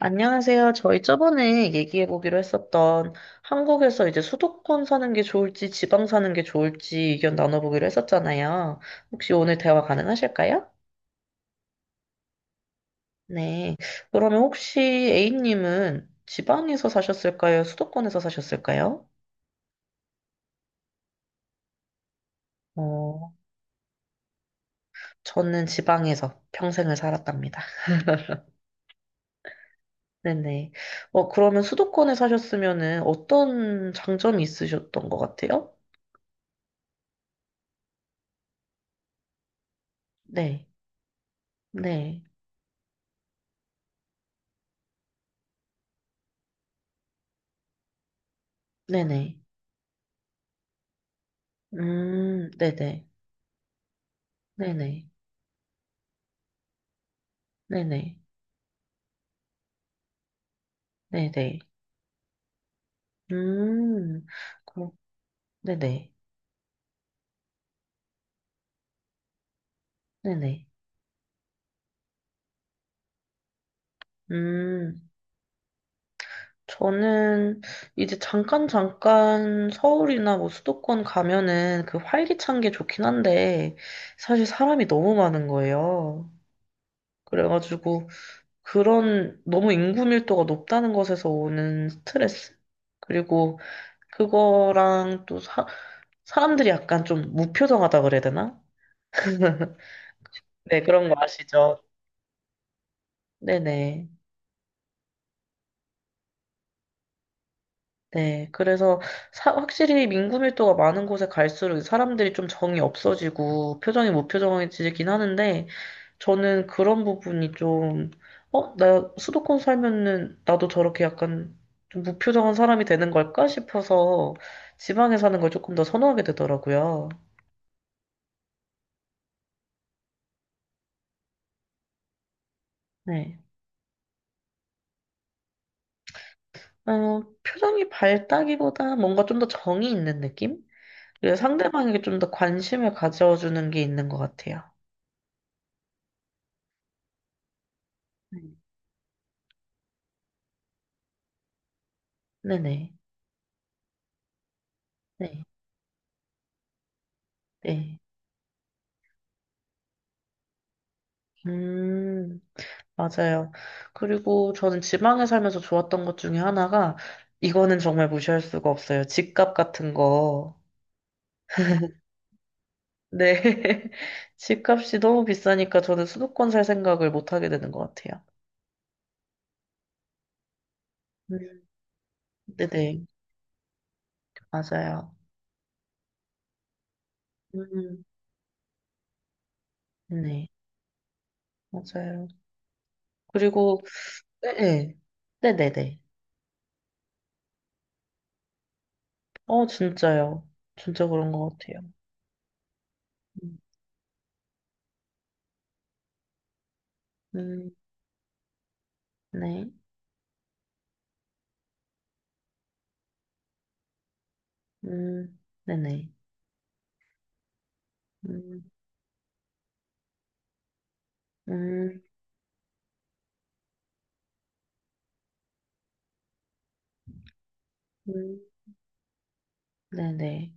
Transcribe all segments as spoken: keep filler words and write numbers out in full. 안녕하세요. 저희 저번에 얘기해보기로 했었던 한국에서 이제 수도권 사는 게 좋을지 지방 사는 게 좋을지 의견 나눠보기로 했었잖아요. 혹시 오늘 대화 가능하실까요? 네. 그러면 혹시 A님은 지방에서 사셨을까요? 수도권에서 사셨을까요? 어, 저는 지방에서 평생을 살았답니다. 네네. 어, 그러면 수도권에 사셨으면은 어떤 장점이 있으셨던 것 같아요? 네. 네. 네네. 음, 네네. 네네. 네네. 네네. 음, 그, 네네. 네네. 음, 저는 이제 잠깐 잠깐 서울이나 뭐 수도권 가면은 그 활기찬 게 좋긴 한데 사실 사람이 너무 많은 거예요. 그래가지고 그런 너무 인구 밀도가 높다는 것에서 오는 스트레스? 그리고 그거랑 또 사, 사람들이 약간 좀 무표정하다 그래야 되나? 네, 그런 거 아시죠? 네네. 네, 그래서 사- 확실히 민구밀도가 많은 곳에 갈수록 사람들이 좀 정이 없어지고 표정이 무표정해지긴 하는데 저는 그런 부분이 좀, 어, 나 수도권 살면은 나도 저렇게 약간 좀 무표정한 사람이 되는 걸까 싶어서 지방에 사는 걸 조금 더 선호하게 되더라고요. 네. 어, 표정이 밝다기보다 뭔가 좀 더 정이 있는 느낌? 그리고 상대방에게 좀 더 관심을 가져주는 게 있는 것 같아요. 네. 네네. 네. 네. 음, 맞아요. 그리고 저는 지방에 살면서 좋았던 것 중에 하나가, 이거는 정말 무시할 수가 없어요. 집값 같은 거. 네. 집값이 너무 비싸니까 저는 수도권 살 생각을 못 하게 되는 것 같아요. 음, 네네. 맞아요. 음, 네. 맞아요. 그리고, 네. 네. 네네네. 어, 진짜요. 진짜 그런 것 같아요. 음, 음, 네. 음, 네네. 음, 음, 음. 네네.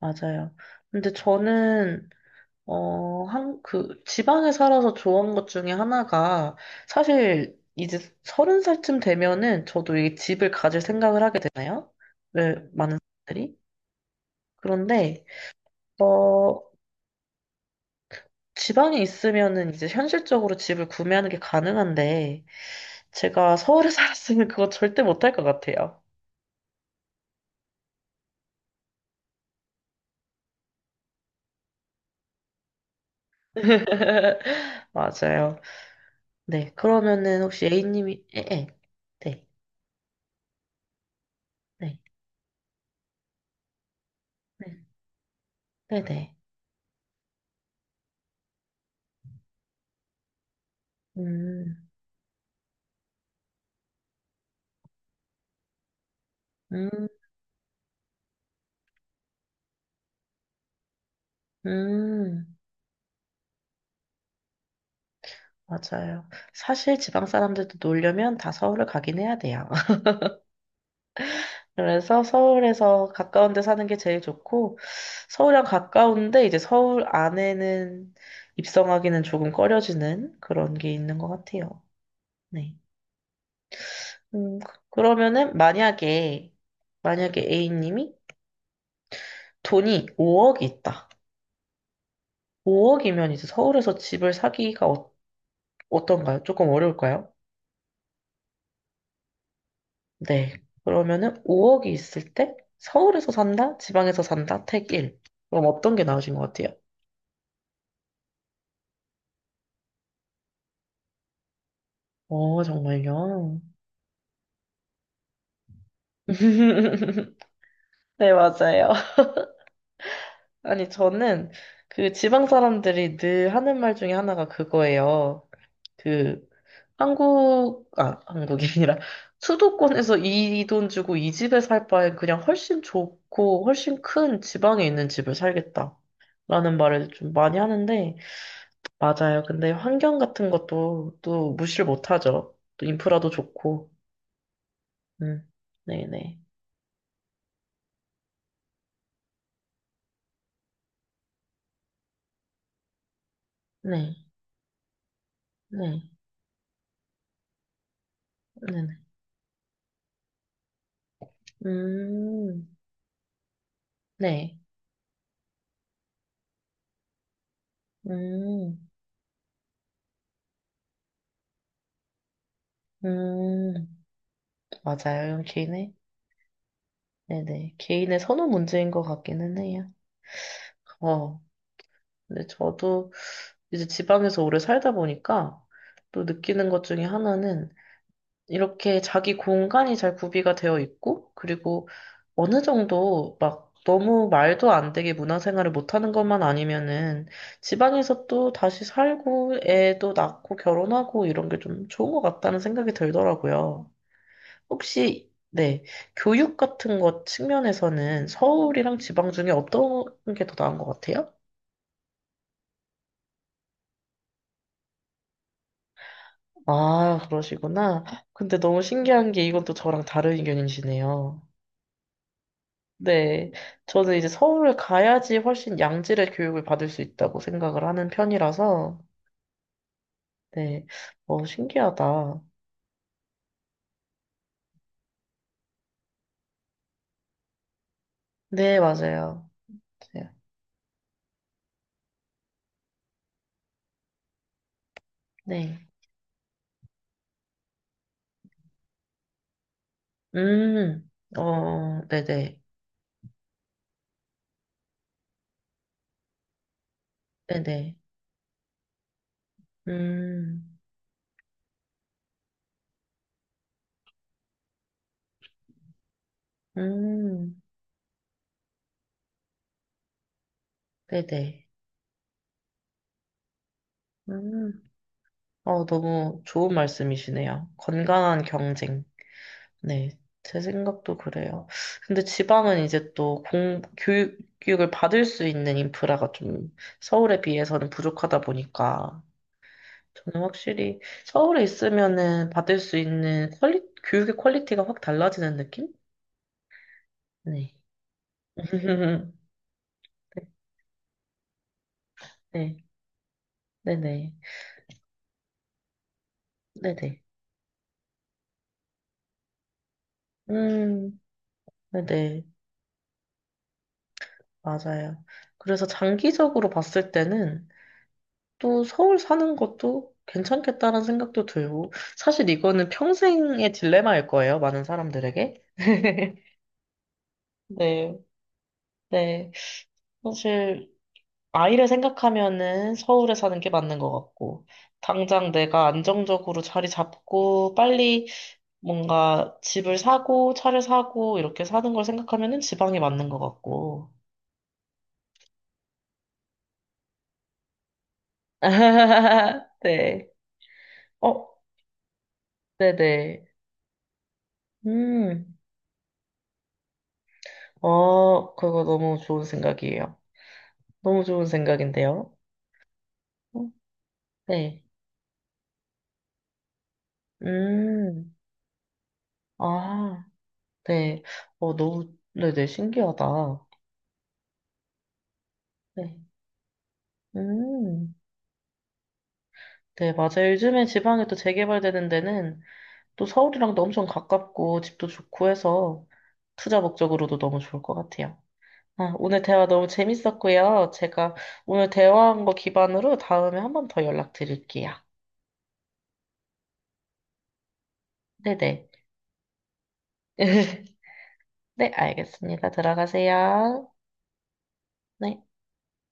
맞아요. 근데 저는, 어, 한, 그, 지방에 살아서 좋은 것 중에 하나가, 사실, 이제 서른 살쯤 되면은 저도 이 집을 가질 생각을 하게 되나요? 왜, 많은 사람들이? 그런데, 어, 지방에 있으면은 이제 현실적으로 집을 구매하는 게 가능한데, 제가 서울에 살았으면 그거 절대 못할 것 같아요. 맞아요. 네. 그러면은 혹시 A님이, 예, 예. 네. 네. 네. 네네. 음, 음, 음, 맞아요. 사실 지방 사람들도 놀려면 다 서울을 가긴 해야 돼요. 그래서 서울에서 가까운 데 사는 게 제일 좋고, 서울이랑 가까운데 이제 서울 안에는 입성하기는 조금 꺼려지는 그런 게 있는 것 같아요. 네. 음, 그- 그러면은 만약에, 만약에 A님이 돈이 오억이 있다. 오억이면 이제 서울에서 집을 사기가 어, 어떤가요? 조금 어려울까요? 네. 그러면은 오억이 있을 때 서울에서 산다? 지방에서 산다? 택 일. 그럼 어떤 게 나으신 것 같아요? 어, 정말요? 네, 맞아요. 아니, 저는 그 지방 사람들이 늘 하는 말 중에 하나가 그거예요. 그 한국, 아, 한국이 아니라 수도권에서 이 돈 주고 이 집에 살 바엔 그냥 훨씬 좋고 훨씬 큰 지방에 있는 집을 살겠다. 라는 말을 좀 많이 하는데, 맞아요. 근데 환경 같은 것도 또 무시를 못 하죠. 또 인프라도 좋고. 음. 네네. 네. 네. 네네. 음. 네. 음. 음. 맞아요. 이건 개인의 네네. 개인의 선호 문제인 것 같기는 해요. 어. 근데 저도 이제 지방에서 오래 살다 보니까 또 느끼는 것 중에 하나는 이렇게 자기 공간이 잘 구비가 되어 있고, 그리고 어느 정도 막 너무 말도 안 되게 문화생활을 못하는 것만 아니면은 지방에서 또 다시 살고 애도 낳고 결혼하고 이런 게 좀 좋은 것 같다는 생각이 들더라고요. 혹시, 네, 교육 같은 것 측면에서는 서울이랑 지방 중에 어떤 게 더 나은 것 같아요? 아, 그러시구나. 근데 너무 신기한 게 이건 또 저랑 다른 의견이시네요. 네. 저는 이제 서울을 가야지 훨씬 양질의 교육을 받을 수 있다고 생각을 하는 편이라서, 네. 어, 신기하다. 네, 맞아요. 맞아요. 네. 음, 어, 네네. 네네. 음, 음, 네네. 음, 어, 너무 좋은 말씀이시네요. 건강한 경쟁. 네, 제 생각도 그래요. 근데 지방은 이제 또 공, 교육, 교육을 받을 수 있는 인프라가 좀 서울에 비해서는 부족하다 보니까 저는 확실히 서울에 있으면은 받을 수 있는 퀄리, 교육의 퀄리티가 확 달라지는 느낌? 네. 네, 네네. 네네. 음, 네네. 맞아요. 그래서 장기적으로 봤을 때는 또 서울 사는 것도 괜찮겠다라는 생각도 들고, 사실 이거는 평생의 딜레마일 거예요, 많은 사람들에게. 네, 네. 사실, 아이를 생각하면은 서울에 사는 게 맞는 것 같고, 당장 내가 안정적으로 자리 잡고, 빨리 뭔가 집을 사고, 차를 사고, 이렇게 사는 걸 생각하면은 지방이 맞는 것 같고. 네. 어, 네네. 음, 어, 그거 너무 좋은 생각이에요. 너무 좋은 생각인데요. 어, 네. 음, 아, 네. 어, 너무, 네네, 신기하다. 네. 음, 네, 맞아요. 요즘에 지방에 또 재개발되는 데는 또 서울이랑도 엄청 가깝고 집도 좋고 해서 투자 목적으로도 너무 좋을 것 같아요. 아, 오늘 대화 너무 재밌었고요. 제가 오늘 대화한 거 기반으로 다음에 한 번 더 연락드릴게요. 네네. 네, 알겠습니다. 들어가세요. 네.